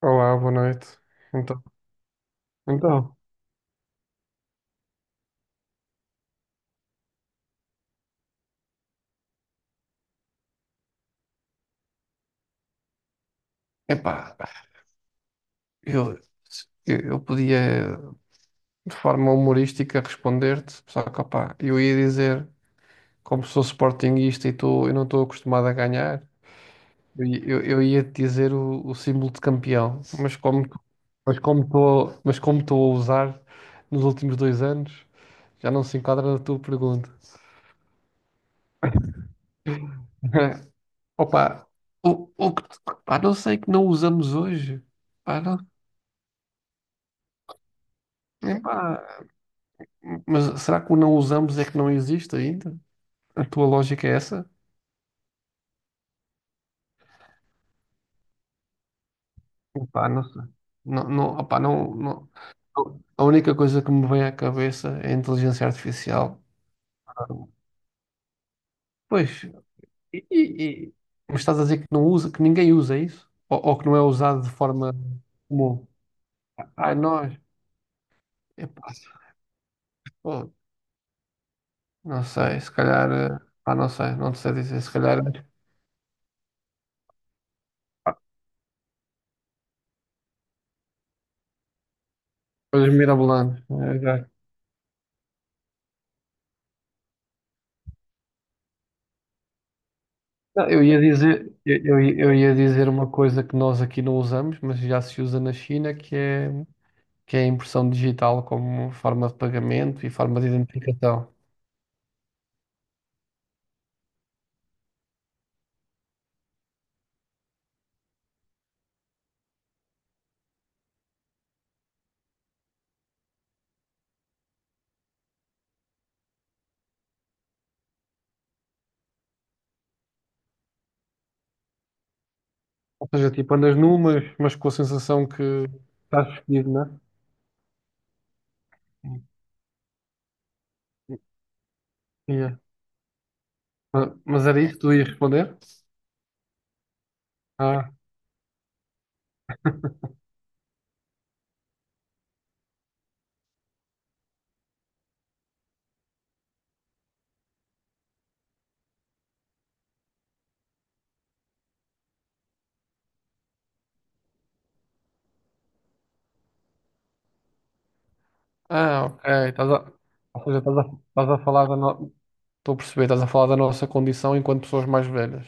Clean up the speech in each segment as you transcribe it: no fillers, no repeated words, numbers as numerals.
Olá, boa noite. Então, então, Epá, eu, eu eu podia de forma humorística responder-te, só que opá, eu ia dizer, como sou sportinguista e tu, eu não estou acostumado a ganhar, eu ia te dizer o símbolo de campeão, mas como estou a usar nos últimos 2 anos, já não se enquadra na tua pergunta. Opa, o que, pá, não sei que não usamos hoje. Pá, não. Epá, mas será que o não usamos é que não existe ainda? A tua lógica é essa? Opá, não sei. Não, não, opá, não, não. A única coisa que me vem à cabeça é a inteligência artificial. Pois, e, e- e- mas estás a dizer que não usa, que ninguém usa é isso? Ou, que não é usado de forma comum? Ai, nós, epá, pô, não sei, se calhar, pá, não sei, não te sei dizer, se calhar, coisas mirabolantes, né? Não, eu ia dizer, eu ia dizer uma coisa que nós aqui não usamos, mas já se usa na China, que é a impressão digital como forma de pagamento e forma de identificação. Ou seja, tipo, andas nu, mas com a sensação que estás vestido, né? Yeah. Mas era isso que tu ias responder? Ah, ah, ok. Ou seja, estás a, estás a falar da no... Estou a perceber, estás a falar da nossa condição enquanto pessoas mais velhas.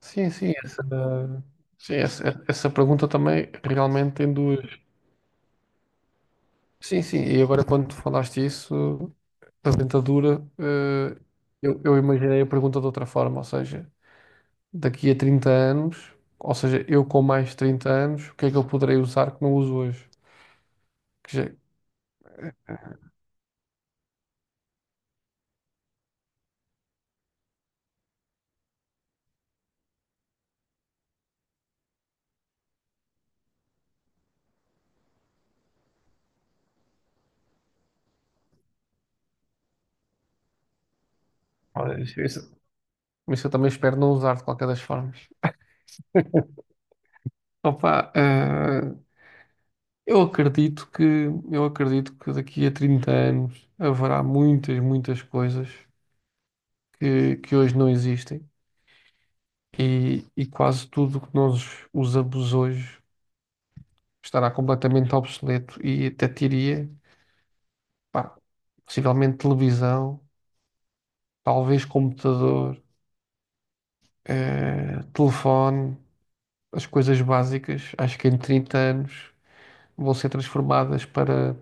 Sim, sim, essa pergunta também realmente tem duas. Sim, sim, e agora quando tu falaste isso, da dentadura, eu imaginei a pergunta de outra forma, ou seja, daqui a 30 anos, ou seja, eu com mais de 30 anos, o que é que eu poderei usar que não uso hoje? Que já, olha, mas eu também espero não usar de qualquer das formas. Opa, eu acredito que eu acredito que daqui a 30 anos haverá muitas, muitas coisas que hoje não existem e quase tudo o que nós usamos hoje estará completamente obsoleto e até diria, pá, possivelmente televisão, talvez computador, telefone, as coisas básicas, acho que em 30 anos vão ser transformadas para,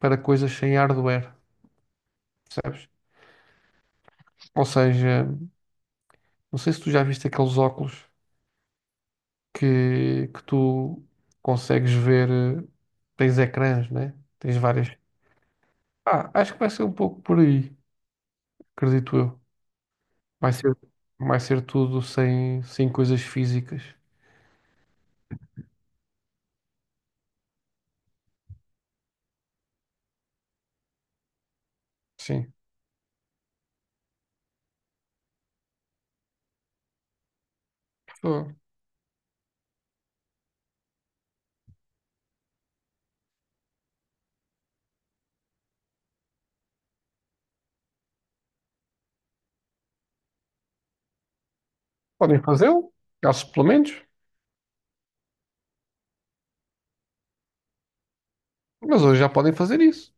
para coisas sem hardware, percebes? Ou seja, não sei se tu já viste aqueles óculos que tu consegues ver, tens ecrãs, né? Tens várias Ah, acho que vai ser um pouco por aí, acredito eu. Vai ser, vai ser tudo sem coisas físicas. Sim. Pô, podem fazê-lo, há suplementos, mas hoje já podem fazer isso.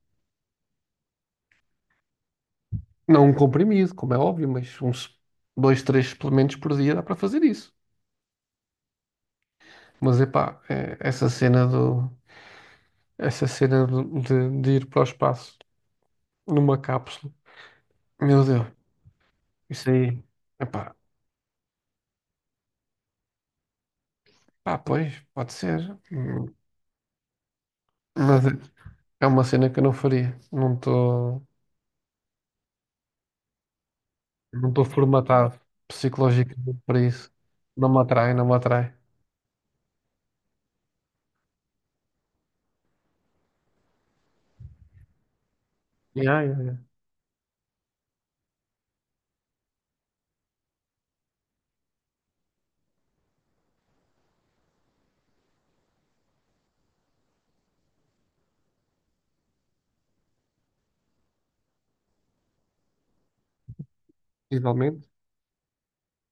Não um comprimido, como é óbvio, mas uns dois, três suplementos por dia dá para fazer isso. Mas epá, é, essa cena de ir para o espaço numa cápsula, meu Deus, isso aí, epá, pá, pois, pode ser. Mas é uma cena que eu não faria. Não estou. Não estou formatado psicologicamente para isso. Não me atrai, não me atrai. Yeah, yeah, yeah. Possivelmente.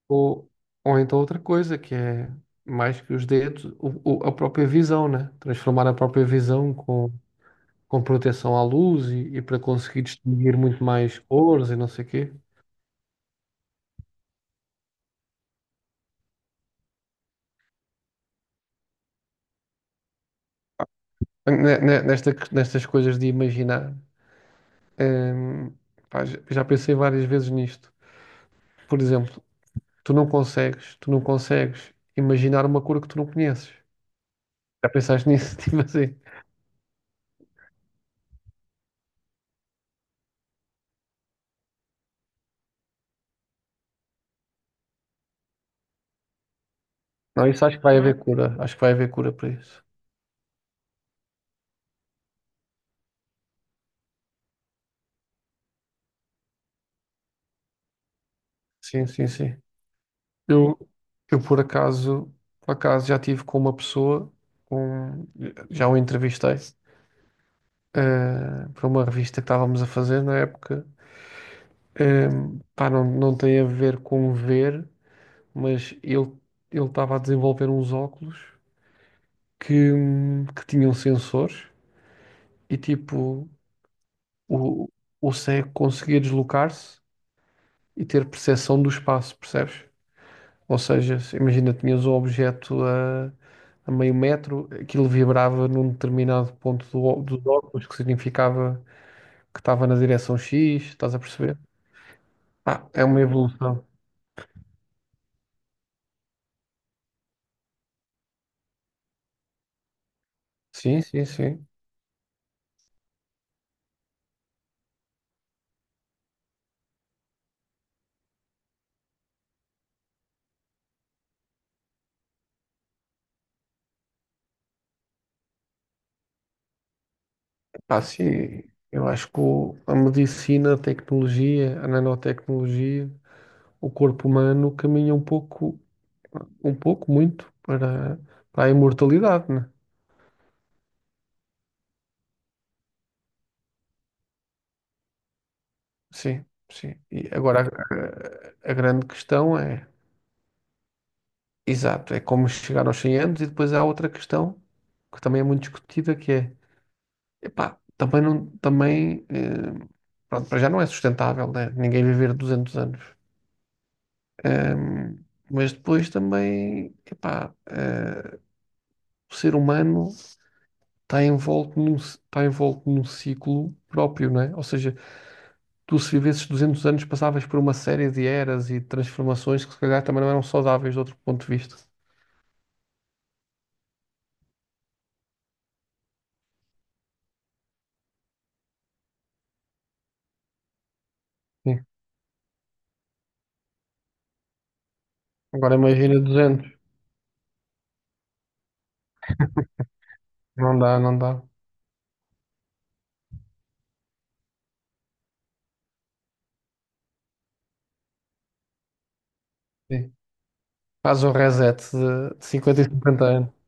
Ou, ou, então outra coisa, que é mais que os dedos, a própria visão, né? Transformar a própria visão com proteção à luz e para conseguir distinguir muito mais cores e não sei o quê. Nestas coisas de imaginar, hum, pá, já já pensei várias vezes nisto. Por exemplo, tu não consegues imaginar uma cor que tu não conheces. Já pensaste nisso? Tipo assim. Não, isso acho que vai haver cura. Acho que vai haver cura para isso. Sim, sim, sim. Eu, eu por acaso, já tive com uma pessoa, com, já o entrevistei, para uma revista que estávamos a fazer na época. Eh, Pá, não, não tem a ver com ver, mas ele estava a desenvolver uns óculos que tinham sensores e tipo o, o cego conseguia deslocar-se e ter percepção do espaço, percebes? Ou seja, imagina, tinhas um objeto a meio metro, aquilo vibrava num determinado ponto dos óculos, que significava que estava na direção X, estás a perceber? Ah, é uma evolução. Sim, sim, sim. Ah, sim, eu acho que a medicina, a tecnologia, a nanotecnologia, o corpo humano caminha um pouco muito para a imortalidade, né? Sim, sim. E agora a grande questão é. Exato, é como chegar aos 100 anos e depois há outra questão que também é muito discutida que é, epá, também não, também, pronto, para já não é sustentável, né? Ninguém viver 200 anos. Ehm, mas depois também, epá, o ser humano está envolto num ciclo próprio, não é? Ou seja, tu se vivesses 200 anos passavas por uma série de eras e transformações que se calhar também não eram saudáveis de outro ponto de vista. Sim. Agora imagina 200, não dá, não dá. Sim. Faz o reset de 50 e 50 anos.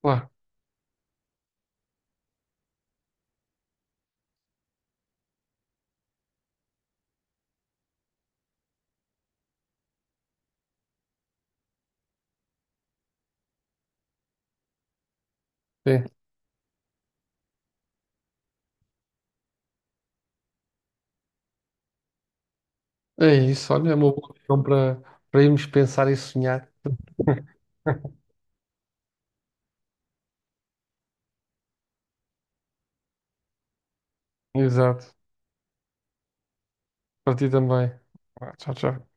Claro, sim. É isso, olha, é uma boa opção para irmos pensar e sonhar. Exato. Para ti também. Vá, tchau, tchau.